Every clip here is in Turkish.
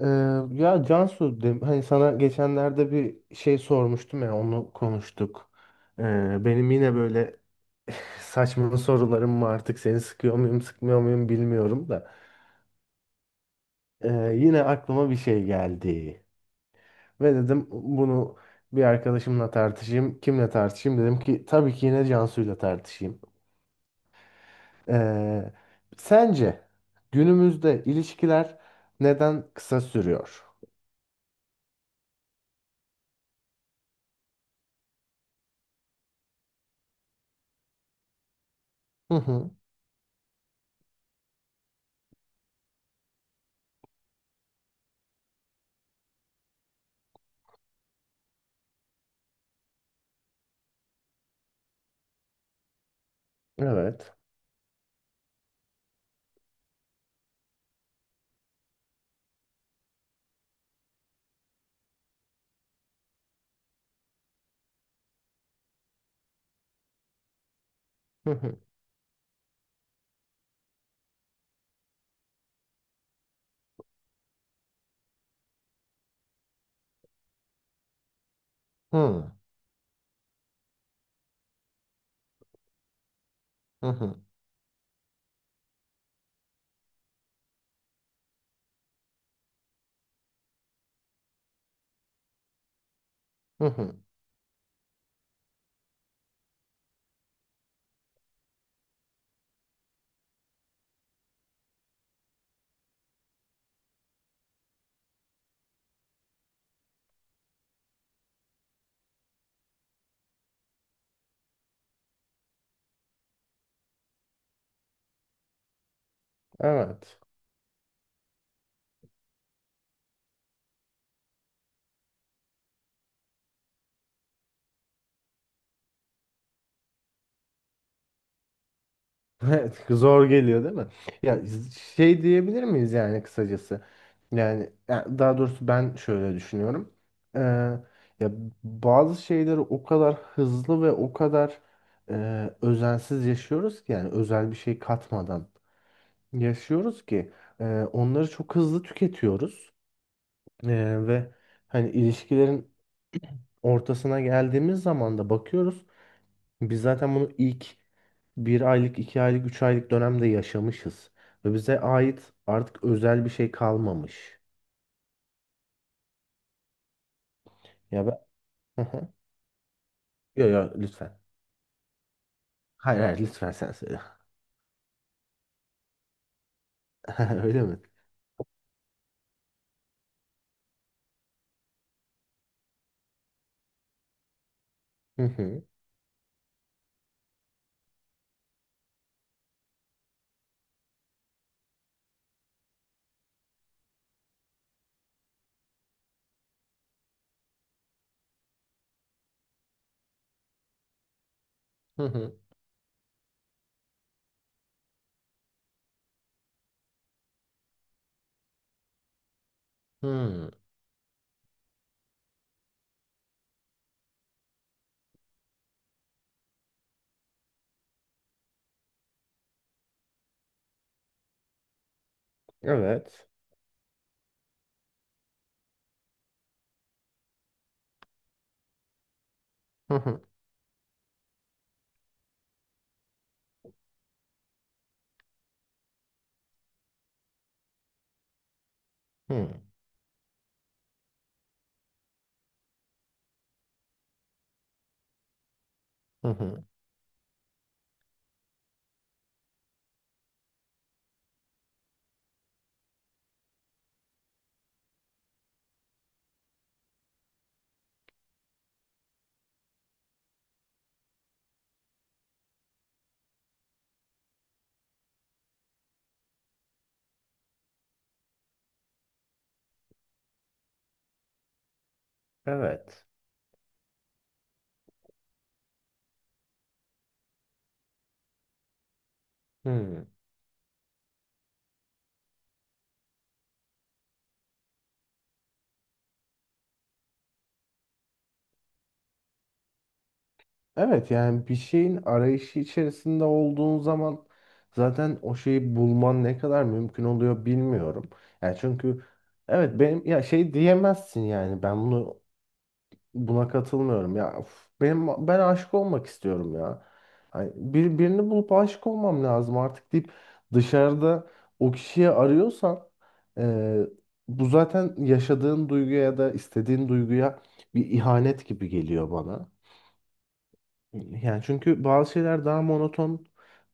Ee, ya Cansu, hani sana geçenlerde bir şey sormuştum ya onu konuştuk. Benim yine böyle saçma sorularım var artık seni sıkıyor muyum sıkmıyor muyum bilmiyorum da. Ee, yine aklıma bir şey geldi. Ve dedim bunu bir arkadaşımla tartışayım. Kimle tartışayım dedim ki tabii ki yine Cansu'yla tartışayım. Ee, sence günümüzde ilişkiler neden kısa sürüyor? Hı hı. Evet. Hı hı. Hı hı. Hı hı. Evet. Evet, zor geliyor değil mi? Ya şey diyebilir miyiz yani kısacası? Yani, ya daha doğrusu ben şöyle düşünüyorum. Ee, ya bazı şeyleri o kadar hızlı ve o kadar özensiz yaşıyoruz ki yani özel bir şey katmadan yaşıyoruz ki e, onları çok hızlı tüketiyoruz. E, ve hani ilişkilerin ortasına geldiğimiz zaman da bakıyoruz. Biz zaten bunu ilk bir aylık, iki aylık, üç aylık dönemde yaşamışız. Ve bize ait artık özel bir şey kalmamış. Ya ben... Hı hı. Yo yo lütfen. Hayır hayır lütfen sen söyle. Öyle mi? Hı hı. Hı hı. Hı. Evet. Hı hı. Hı hı. Hı. Evet. Hı. Evet yani bir şeyin arayışı içerisinde olduğun zaman zaten o şeyi bulman ne kadar mümkün oluyor bilmiyorum. Yani çünkü evet benim ya şey diyemezsin yani ben bunu buna katılmıyorum ya of, benim ben aşık olmak istiyorum ya. Ay, bir, birini bulup aşık olmam lazım artık deyip dışarıda o kişiyi arıyorsan e, bu zaten yaşadığın duyguya ya da istediğin duyguya bir ihanet gibi geliyor bana. Yani çünkü bazı şeyler daha monoton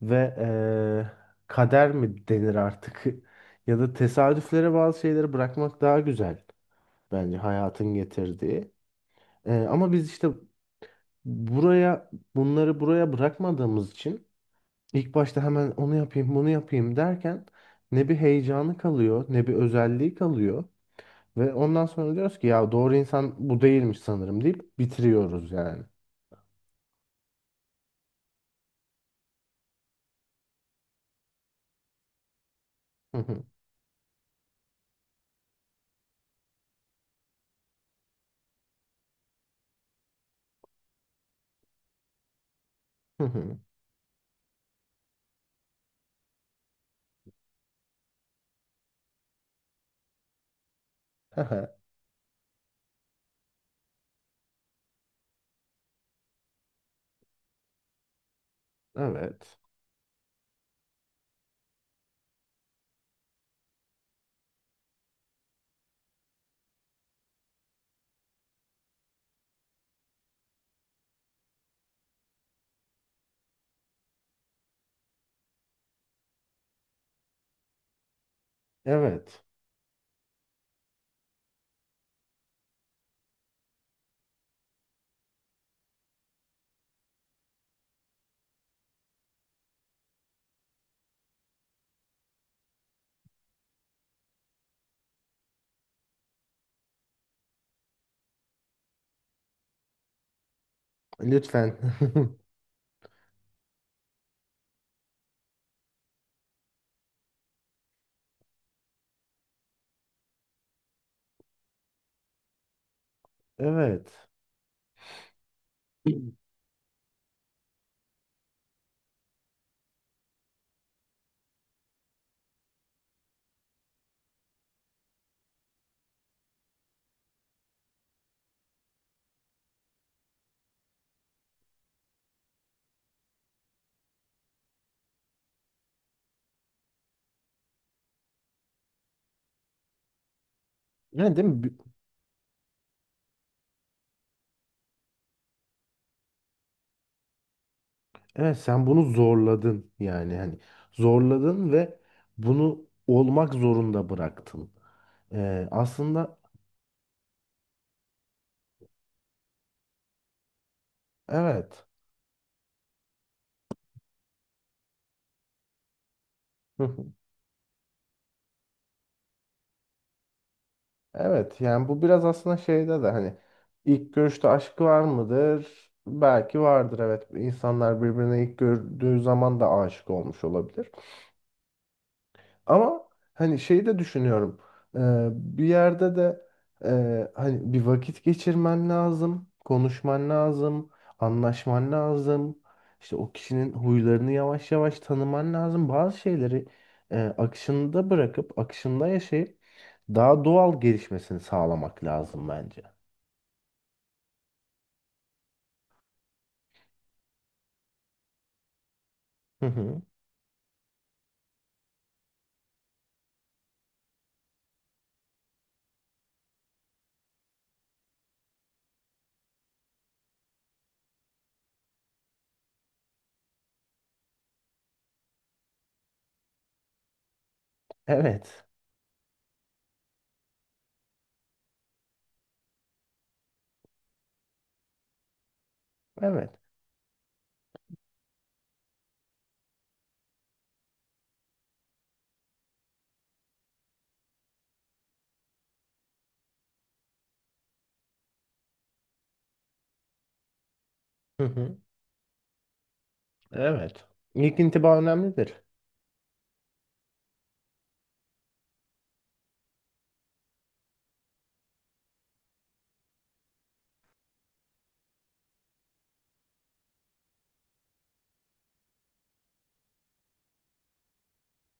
ve kader mi denir artık ya da tesadüflere bazı şeyleri bırakmak daha güzel bence hayatın getirdiği. Ama biz işte buraya bunları buraya bırakmadığımız için ilk başta hemen onu yapayım bunu yapayım derken ne bir heyecanı kalıyor ne bir özelliği kalıyor ve ondan sonra diyoruz ki ya doğru insan bu değilmiş sanırım deyip bitiriyoruz yani. Hı hı, hı hı, hı hı. Evet. Evet. Lütfen. Evet. Yani değil mi? Bir- Evet sen bunu zorladın yani hani zorladın ve bunu olmak zorunda bıraktın. Aslında evet. Hı hı. Evet yani bu biraz aslında şeyde de hani ilk görüşte aşk var mıdır? Belki vardır evet. İnsanlar birbirine ilk gördüğü zaman da aşık olmuş olabilir. Ama hani şeyi de düşünüyorum. Bir yerde de hani bir vakit geçirmen lazım, konuşman lazım, anlaşman lazım. İşte o kişinin huylarını yavaş yavaş tanıman lazım. Bazı şeyleri akışında bırakıp akışında yaşayıp daha doğal gelişmesini sağlamak lazım bence. Hı hı. Evet. Evet. Hı hı. Evet. İlk intiba önemlidir.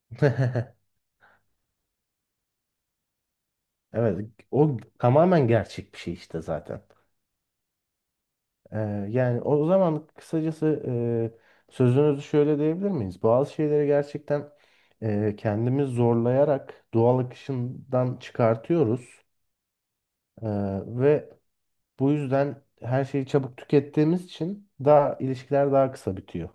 Evet. O tamamen gerçek bir şey işte zaten. Ee, yani o zaman kısacası sözünüzü şöyle diyebilir miyiz? Bazı şeyleri gerçekten kendimiz zorlayarak doğal akışından çıkartıyoruz. Ee, ve bu yüzden her şeyi çabuk tükettiğimiz için daha ilişkiler daha kısa bitiyor.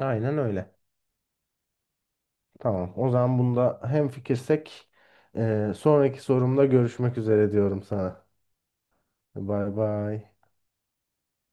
Aynen öyle. Tamam. O zaman bunda hemfikirsek sonraki sorumda görüşmek üzere diyorum sana. Bay bay.